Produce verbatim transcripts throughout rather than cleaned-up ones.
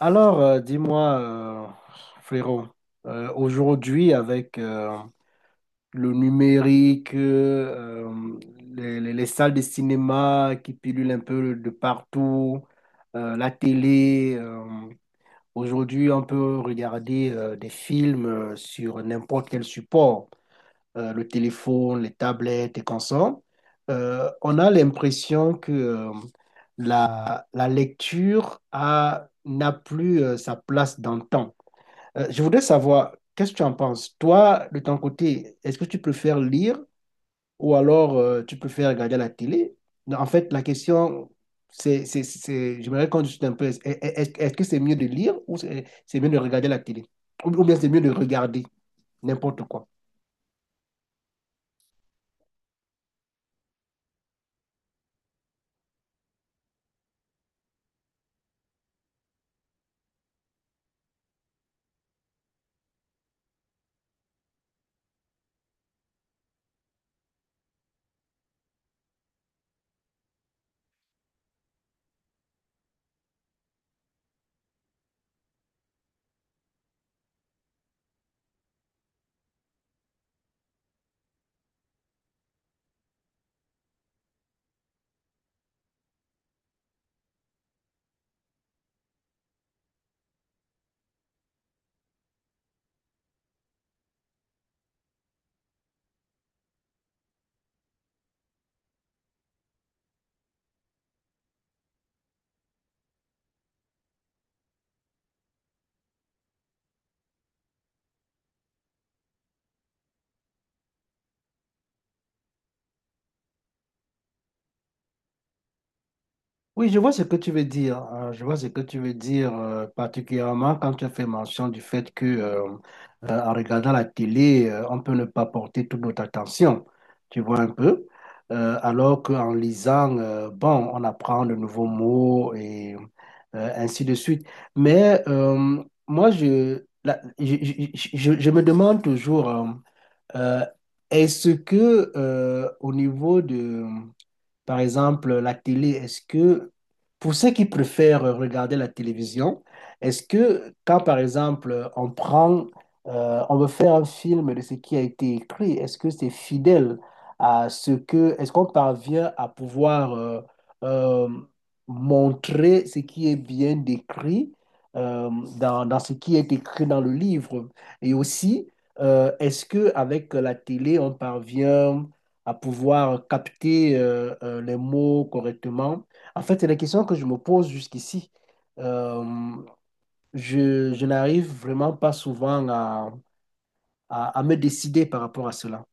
Alors, euh, dis-moi, euh, frérot, euh, aujourd'hui, avec euh, le numérique, euh, euh, les, les- les salles de cinéma qui pilulent un peu de partout, euh, la télé, euh, aujourd'hui, on peut regarder euh, des films euh, sur n'importe quel support, euh, le téléphone, les tablettes et consorts, euh, on a l'impression que euh, la, la lecture a, n'a plus euh, sa place dans le temps. Euh, je voudrais savoir, qu'est-ce que tu en penses? Toi, de ton côté, est-ce que tu préfères lire ou alors euh, tu préfères regarder la télé? Non, en fait, la question, c'est, c'est, c'est, j'aimerais qu'on discute un peu. Est-ce est-ce- est-ce que c'est mieux de lire ou c'est c'est mieux de regarder la télé? Ou ou bien c'est mieux de regarder n'importe quoi? Oui, je vois ce que tu veux dire. Euh, je vois ce que tu veux dire, euh, particulièrement quand tu as fait mention du fait que, euh, euh, en regardant la télé, euh, on peut ne pas porter toute notre attention. Tu vois un peu. Euh, alors qu'en lisant, euh, bon, on apprend de nouveaux mots et euh, ainsi de suite. Mais euh, moi, je, la- je, je- je- je me demande toujours, euh, euh, est-ce que euh, au niveau de par exemple, la télé, est-ce que, pour ceux qui préfèrent regarder la télévision, est-ce que quand, par exemple, on prend, euh, on veut faire un film de ce qui a été écrit, est-ce que c'est fidèle à ce que, est-ce qu'on parvient à pouvoir euh, euh, montrer ce qui est bien décrit euh, dans, dans ce qui est écrit dans le livre? Et aussi, euh, est-ce que avec la télé, on parvient à pouvoir capter euh, euh, les mots correctement. En fait, c'est la question que je me pose jusqu'ici. Euh, je, je n'arrive vraiment pas souvent à, à, à me décider par rapport à cela.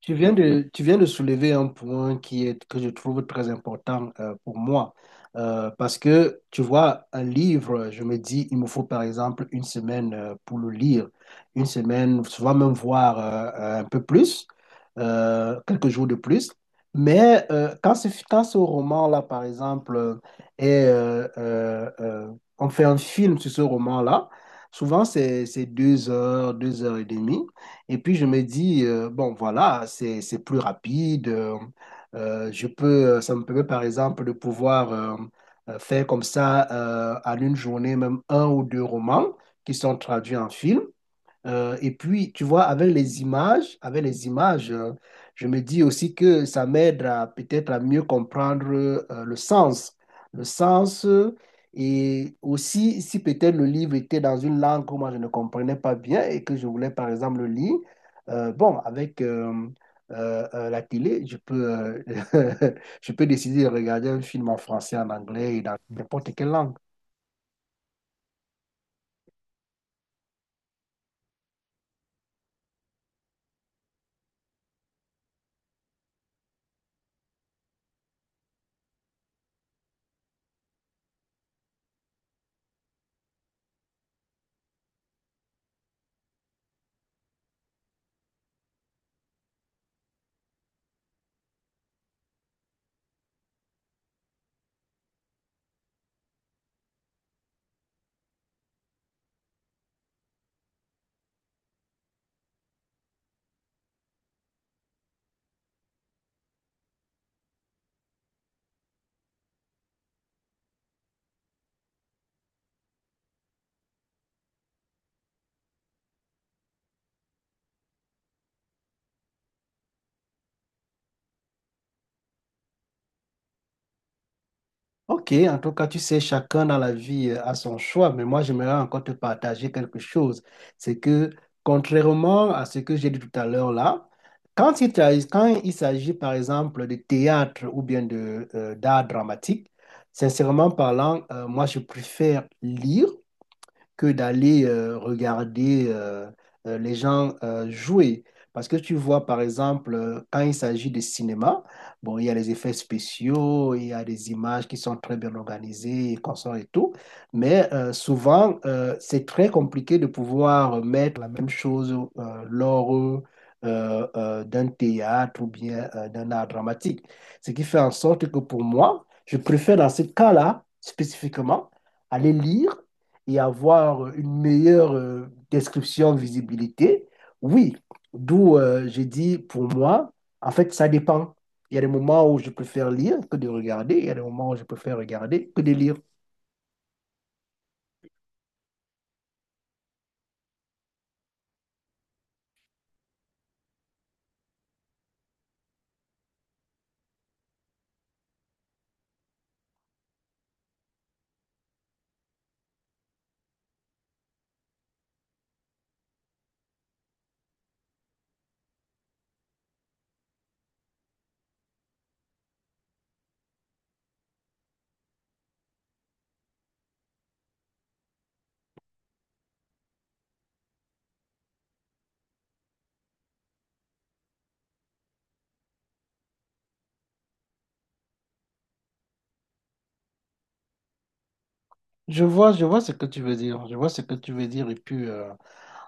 Tu viens de, tu viens de soulever un point qui est, que je trouve très important euh, pour moi. Euh, parce que, tu vois, un livre, je me dis, il me faut par exemple une semaine euh, pour le lire, une semaine, souvent même voir euh, un peu plus, euh, quelques jours de plus. Mais euh, quand ce, quand ce roman-là, par exemple, euh, est, euh, euh, euh, on fait un film sur ce roman-là, souvent c'est c'est deux heures, deux heures et demie. Et puis je me dis, euh, bon, voilà, c'est, c'est plus rapide. Euh, euh, je peux, ça me permet par exemple de pouvoir euh, euh, faire comme ça euh, en une journée, même un ou deux romans qui sont traduits en film. Euh, et puis, tu vois, avec les images, avec les images, euh, je me dis aussi que ça m'aide à peut-être à mieux comprendre euh, le sens, le sens. Euh, et aussi, si peut-être le livre était dans une langue que moi je ne comprenais pas bien et que je voulais par exemple le lire, euh, bon, avec euh, euh, euh, la télé, je peux, euh, je peux décider de regarder un film en français, en anglais et dans n'importe quelle langue. Ok, en tout cas, tu sais, chacun dans la vie euh, a son choix, mais moi, j'aimerais encore te partager quelque chose. C'est que, contrairement à ce que j'ai dit tout à l'heure là, quand il, tra- quand il s'agit, par exemple, de théâtre ou bien de, euh, d'art dramatique, sincèrement parlant, euh, moi, je préfère lire que d'aller euh, regarder euh, euh, les gens euh, jouer. Parce que tu vois, par exemple, euh, quand il s'agit de cinéma, bon, il y a les effets spéciaux, il y a des images qui sont très bien organisées, et consoles et tout, mais euh, souvent, euh, c'est très compliqué de pouvoir mettre la même chose euh, lors euh, euh, d'un théâtre ou bien euh, d'un art dramatique. Ce qui fait en sorte que pour moi, je préfère dans ce cas-là, spécifiquement, aller lire et avoir une meilleure euh, description de visibilité, oui. D'où euh, j'ai dit, pour moi, en fait, ça dépend. Il y a des moments où je préfère lire que de regarder, il y a des moments où je préfère regarder que de lire. Je vois, je vois ce que tu veux dire. Je vois ce que tu veux dire. Et puis, euh,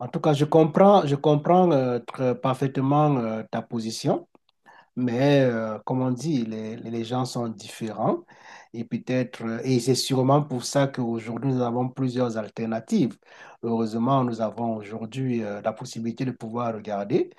en tout cas, je comprends, je comprends euh, très parfaitement euh, ta position. Mais euh, comme on dit, les, les gens sont différents et peut-être, euh, et c'est sûrement pour ça qu'aujourd'hui, nous avons plusieurs alternatives. Heureusement, nous avons aujourd'hui euh, la possibilité de pouvoir regarder,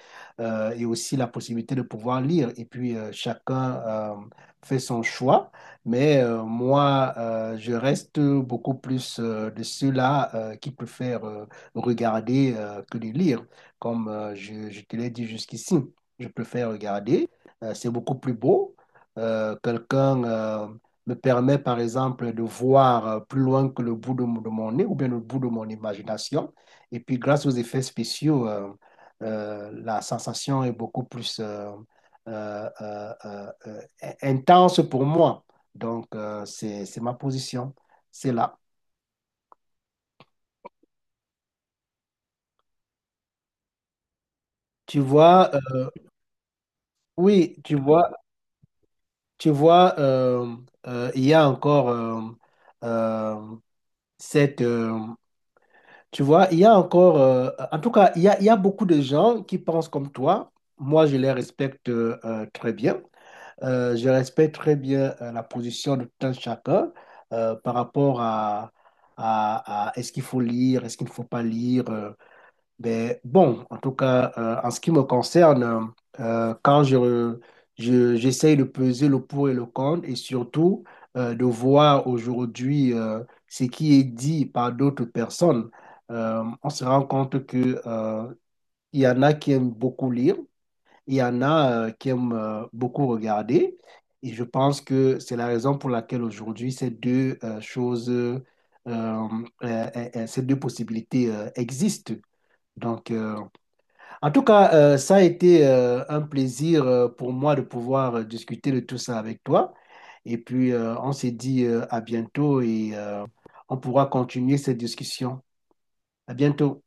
euh, et aussi la possibilité de pouvoir lire. Et puis, euh, chacun euh, fait son choix. Mais euh, moi, euh, je reste beaucoup plus euh, de ceux-là euh, qui préfèrent euh, regarder euh, que de lire, comme euh, je, je te l'ai dit jusqu'ici. Je préfère regarder, euh, c'est beaucoup plus beau. Euh, quelqu'un euh, me permet, par exemple, de voir euh, plus loin que le bout de, mon de mon nez ou bien le bout de mon imagination. Et puis, grâce aux effets spéciaux, euh, euh, la sensation est beaucoup plus euh, euh, euh, euh, euh, intense pour moi. Donc, euh, c'est, c'est ma position. C'est là. Tu vois, euh, oui, tu vois, tu vois, euh, euh, il y a encore euh, euh, cette... euh, Tu vois, il y a encore, euh, en tout cas, il y a, il y a beaucoup de gens qui pensent comme toi. Moi, je les respecte euh, euh, très bien. Euh, je respecte très bien euh, la position de tout un chacun euh, par rapport à, à, à est-ce qu'il faut lire, est-ce qu'il ne faut pas lire. euh. Ben bon, en tout cas, euh, en ce qui me concerne, euh, quand je, re- je- j'essaye de peser le pour et le contre et surtout euh, de voir aujourd'hui euh, ce qui est dit par d'autres personnes. Euh, on se rend compte que euh, il y en a qui aiment beaucoup lire, il y en a euh, qui aiment euh, beaucoup regarder. Et je pense que c'est la raison pour laquelle aujourd'hui ces deux euh, choses, euh, euh, euh, euh, ces deux possibilités euh, existent. Donc, euh, en tout cas, euh, ça a été euh, un plaisir euh, pour moi de pouvoir euh, discuter de tout ça avec toi. Et puis, euh, on s'est dit euh, à bientôt et euh, on pourra continuer cette discussion. À bientôt.